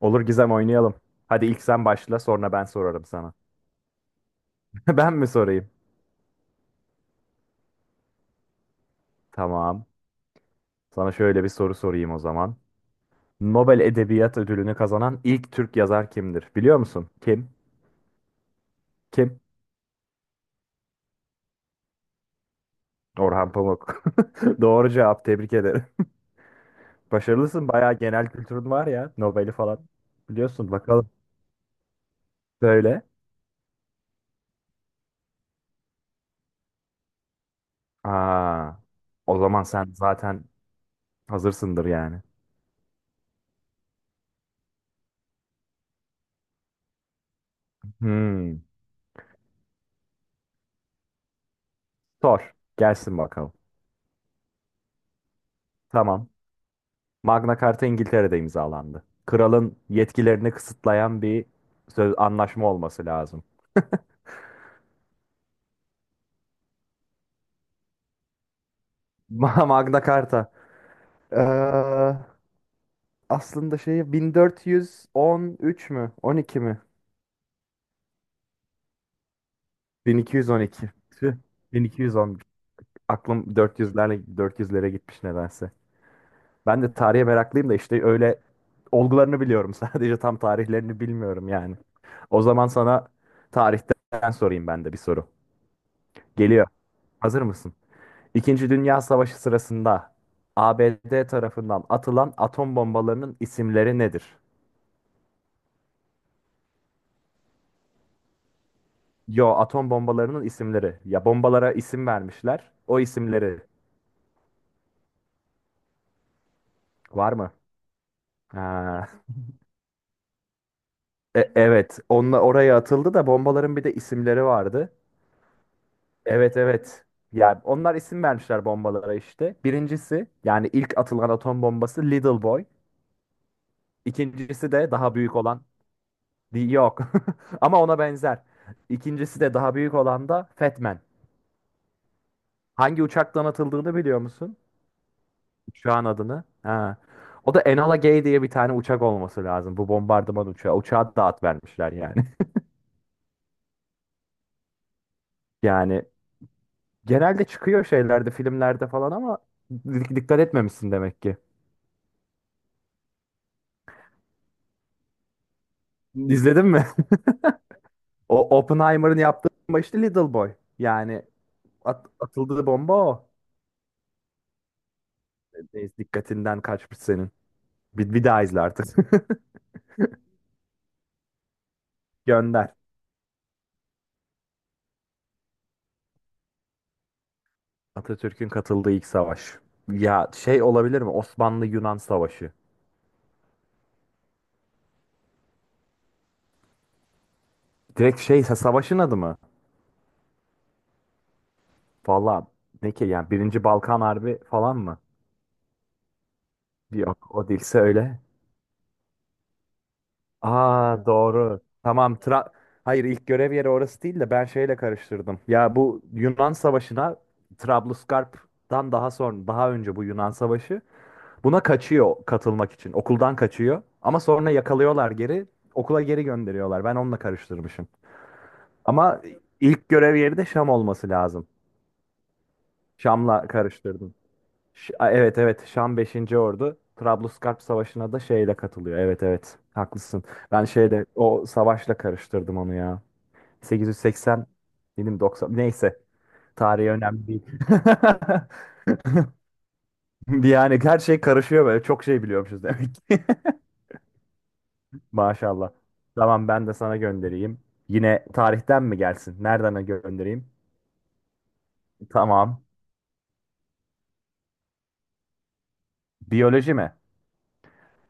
Olur Gizem oynayalım. Hadi ilk sen başla sonra ben sorarım sana. Ben mi sorayım? Tamam. Sana şöyle bir soru sorayım o zaman. Nobel Edebiyat Ödülünü kazanan ilk Türk yazar kimdir? Biliyor musun? Kim? Kim? Orhan Pamuk. Doğru cevap. Tebrik ederim. Başarılısın. Bayağı genel kültürün var ya. Nobel'i falan. Biliyorsun. Bakalım. Söyle. Aa, o zaman sen zaten hazırsındır yani. Hmm. Sor. Gelsin bakalım. Tamam. Magna Carta İngiltere'de imzalandı. Kralın yetkilerini kısıtlayan bir söz anlaşma olması lazım. Magna Carta. Ee, aslında şey 1413 mü? 12 mi? 1212. Tüh, 1211. Aklım 400'lere gitmiş nedense. Ben de tarihe meraklıyım da işte öyle olgularını biliyorum sadece tam tarihlerini bilmiyorum yani. O zaman sana tarihten sorayım ben de bir soru. Geliyor. Hazır mısın? İkinci Dünya Savaşı sırasında ABD tarafından atılan atom bombalarının isimleri nedir? Yo, atom bombalarının isimleri. Ya bombalara isim vermişler. O isimleri var mı? Ha. Evet, onunla oraya atıldı da bombaların bir de isimleri vardı. Evet, evet. Yani onlar isim vermişler bombalara işte. Birincisi yani ilk atılan atom bombası Little Boy. İkincisi de daha büyük olan Yok. Ama ona benzer. İkincisi de daha büyük olan da Fat Man. Hangi uçaktan atıldığını biliyor musun? Uçağın adını. Ha. O da Enola Gay diye bir tane uçak olması lazım. Bu bombardıman uçağı. Uçağa da at vermişler yani. Yani genelde çıkıyor şeylerde, filmlerde falan ama dikkat etmemişsin demek ki. İzledin mi? O Oppenheimer'ın yaptığı bomba işte Little Boy. Yani atıldığı bomba o. Neyse, dikkatinden kaçmış senin. Bir daha izle artık. Gönder. Atatürk'ün katıldığı ilk savaş. Ya şey olabilir mi? Osmanlı-Yunan Savaşı. Direkt şey savaşın adı mı? Valla ne ki yani Birinci Balkan Harbi falan mı? Yok o değilse öyle. Aa doğru. Tamam. Hayır, ilk görev yeri orası değil de ben şeyle karıştırdım. Ya bu Yunan Savaşı'na Trablusgarp'tan daha sonra daha önce bu Yunan Savaşı buna kaçıyor katılmak için. Okuldan kaçıyor ama sonra yakalıyorlar geri okula geri gönderiyorlar. Ben onunla karıştırmışım. Ama ilk görev yeri de Şam olması lazım. Şam'la karıştırdım. A, evet, evet, Şam beşinci Ordu. Trablusgarp Savaşı'na da şeyle katılıyor. Evet, evet, haklısın. Ben şeyde o savaşla karıştırdım onu ya. 880 benim 90, neyse tarihi önemli değil. Yani her şey karışıyor böyle çok şey biliyormuşuz demek ki. Maşallah. Tamam ben de sana göndereyim. Yine tarihten mi gelsin? Nereden göndereyim? Tamam. Biyoloji mi?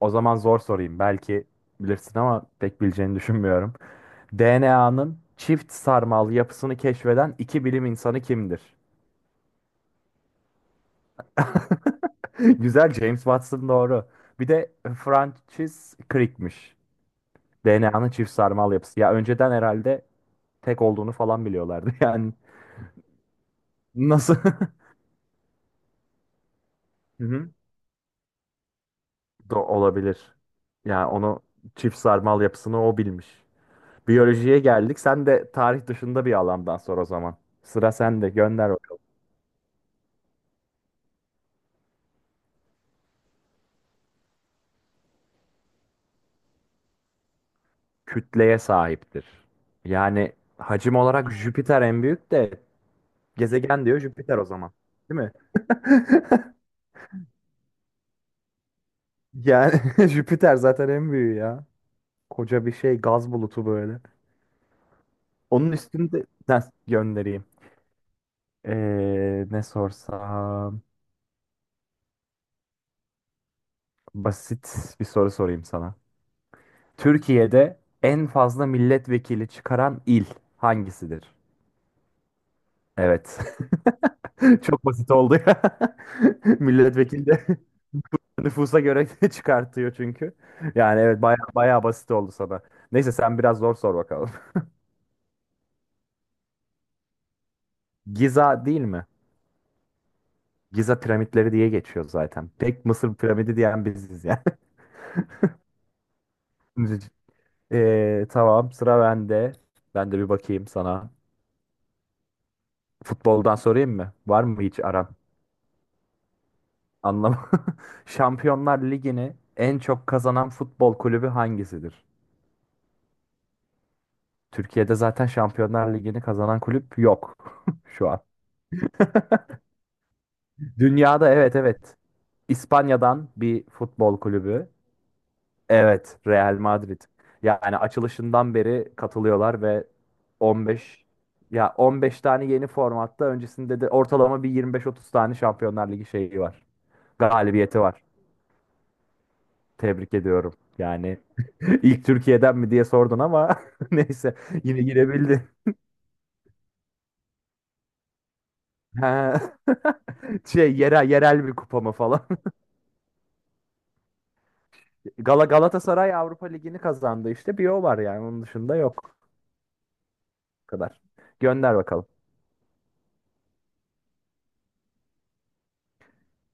O zaman zor sorayım. Belki bilirsin ama pek bileceğini düşünmüyorum. DNA'nın çift sarmal yapısını keşfeden iki bilim insanı kimdir? Güzel, James Watson doğru. Bir de Francis Crick'miş. DNA'nın çift sarmal yapısı. Ya önceden herhalde tek olduğunu falan biliyorlardı. Yani nasıl? Hı hı. Do olabilir. Yani onu çift sarmal yapısını o bilmiş. Biyolojiye geldik. Sen de tarih dışında bir alandan sor o zaman. Sıra sende. Gönder kütleye sahiptir. Yani hacim olarak Jüpiter en büyük de gezegen diyor Jüpiter o zaman. Değil mi? Yani Jüpiter zaten en büyüğü ya. Koca bir şey gaz bulutu böyle. Onun üstünde. Ha, göndereyim. Ne sorsam? Basit bir soru sorayım sana. Türkiye'de en fazla milletvekili çıkaran il hangisidir? Evet. Çok basit oldu ya. Milletvekili de nüfusa göre çıkartıyor çünkü. Yani evet baya baya basit oldu sana. Neyse sen biraz zor sor bakalım. Giza değil mi? Giza piramitleri diye geçiyor zaten. Tek Mısır piramidi diyen biziz yani. Tamam sıra bende. Ben de bir bakayım sana. Futboldan sorayım mı? Var mı hiç aran? Anlam. Şampiyonlar Ligi'ni en çok kazanan futbol kulübü hangisidir? Türkiye'de zaten Şampiyonlar Ligi'ni kazanan kulüp yok şu an. Dünyada, evet, evet. İspanya'dan bir futbol kulübü. Evet, Real Madrid. Yani açılışından beri katılıyorlar ve 15 ya 15 tane yeni formatta öncesinde de ortalama bir 25-30 tane Şampiyonlar Ligi şeyi var. Galibiyeti var. Tebrik ediyorum. Yani ilk Türkiye'den mi diye sordun ama neyse yine girebildin. Ha. Şey yerel yerel bir kupa mı falan. Galatasaray Avrupa Ligi'ni kazandı işte bir o var, yani onun dışında yok. Bu kadar. Gönder bakalım.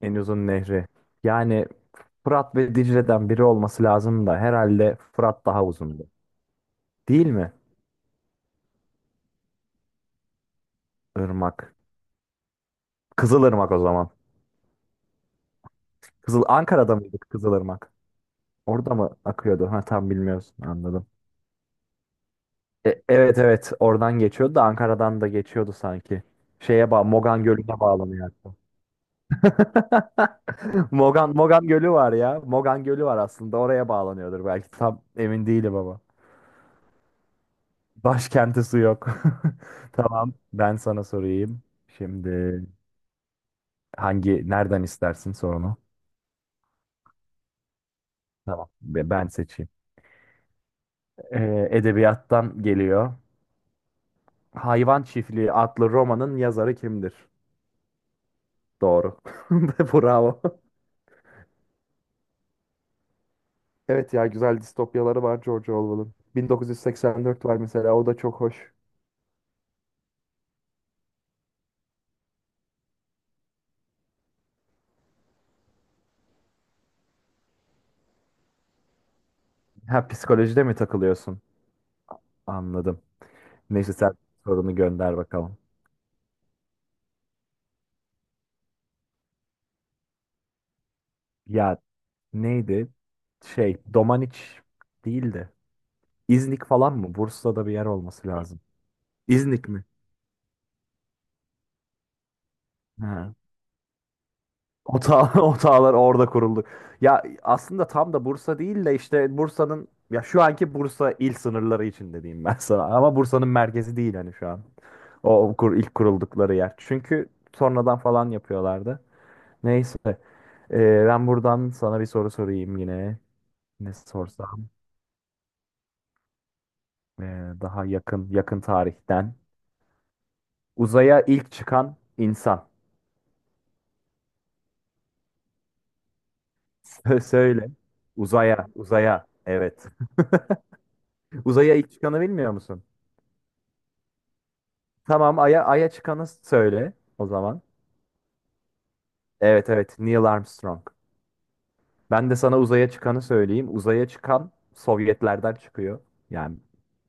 En uzun nehri. Yani Fırat ve Dicle'den biri olması lazım da herhalde Fırat daha uzundu. Değil mi? Irmak. Kızılırmak o zaman. Ankara'da mıydık Kızılırmak? Orada mı akıyordu? Ha, tam bilmiyoruz. Anladım. Evet, evet, oradan geçiyordu da Ankara'dan da geçiyordu sanki. Şeye bağ Mogan Gölü'ne bağlanıyor hatta. Mogan Gölü var ya. Mogan Gölü var aslında. Oraya bağlanıyordur belki. Tam emin değilim ama. Başkenti su yok. Tamam, ben sana sorayım. Şimdi hangi nereden istersin sorunu? Tamam. Ben seçeyim. Edebiyattan geliyor. Hayvan Çiftliği adlı romanın yazarı kimdir? Doğru. Bravo. Evet ya, güzel distopyaları var George Orwell'ın. 1984 var mesela, o da çok hoş. Ha, psikolojide mi takılıyorsun? Anladım. Neyse sen sorunu gönder bakalım. Ya neydi? Şey Domaniç değildi. İznik falan mı? Bursa'da bir yer olması lazım. İznik mi? Ha. Otağı, otağlar orada kuruldu. Ya aslında tam da Bursa değil de işte Bursa'nın ya şu anki Bursa il sınırları içinde diyeyim ben sana. Ama Bursa'nın merkezi değil hani şu an. O ilk kuruldukları yer. Çünkü sonradan falan yapıyorlardı. Neyse. Ben buradan sana bir soru sorayım yine. Ne sorsam? Ee, daha yakın yakın tarihten. Uzaya ilk çıkan insan. Söyle. Uzaya, uzaya. Evet. Uzaya ilk çıkanı bilmiyor musun? Tamam, Ay'a çıkanı söyle o zaman. Evet, evet. Neil Armstrong. Ben de sana uzaya çıkanı söyleyeyim. Uzaya çıkan Sovyetlerden çıkıyor. Yani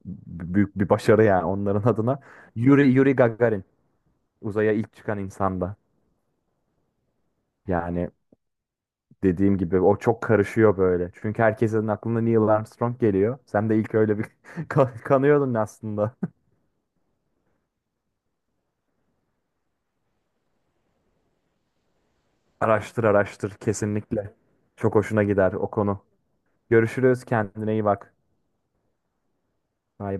büyük bir başarı yani onların adına. Yuri Gagarin. Uzaya ilk çıkan insanda. Yani dediğim gibi o çok karışıyor böyle. Çünkü herkesin aklına Neil Armstrong geliyor. Sen de ilk öyle bir kanıyordun aslında. Araştır araştır kesinlikle. Çok hoşuna gider o konu. Görüşürüz, kendine iyi bak. Bye.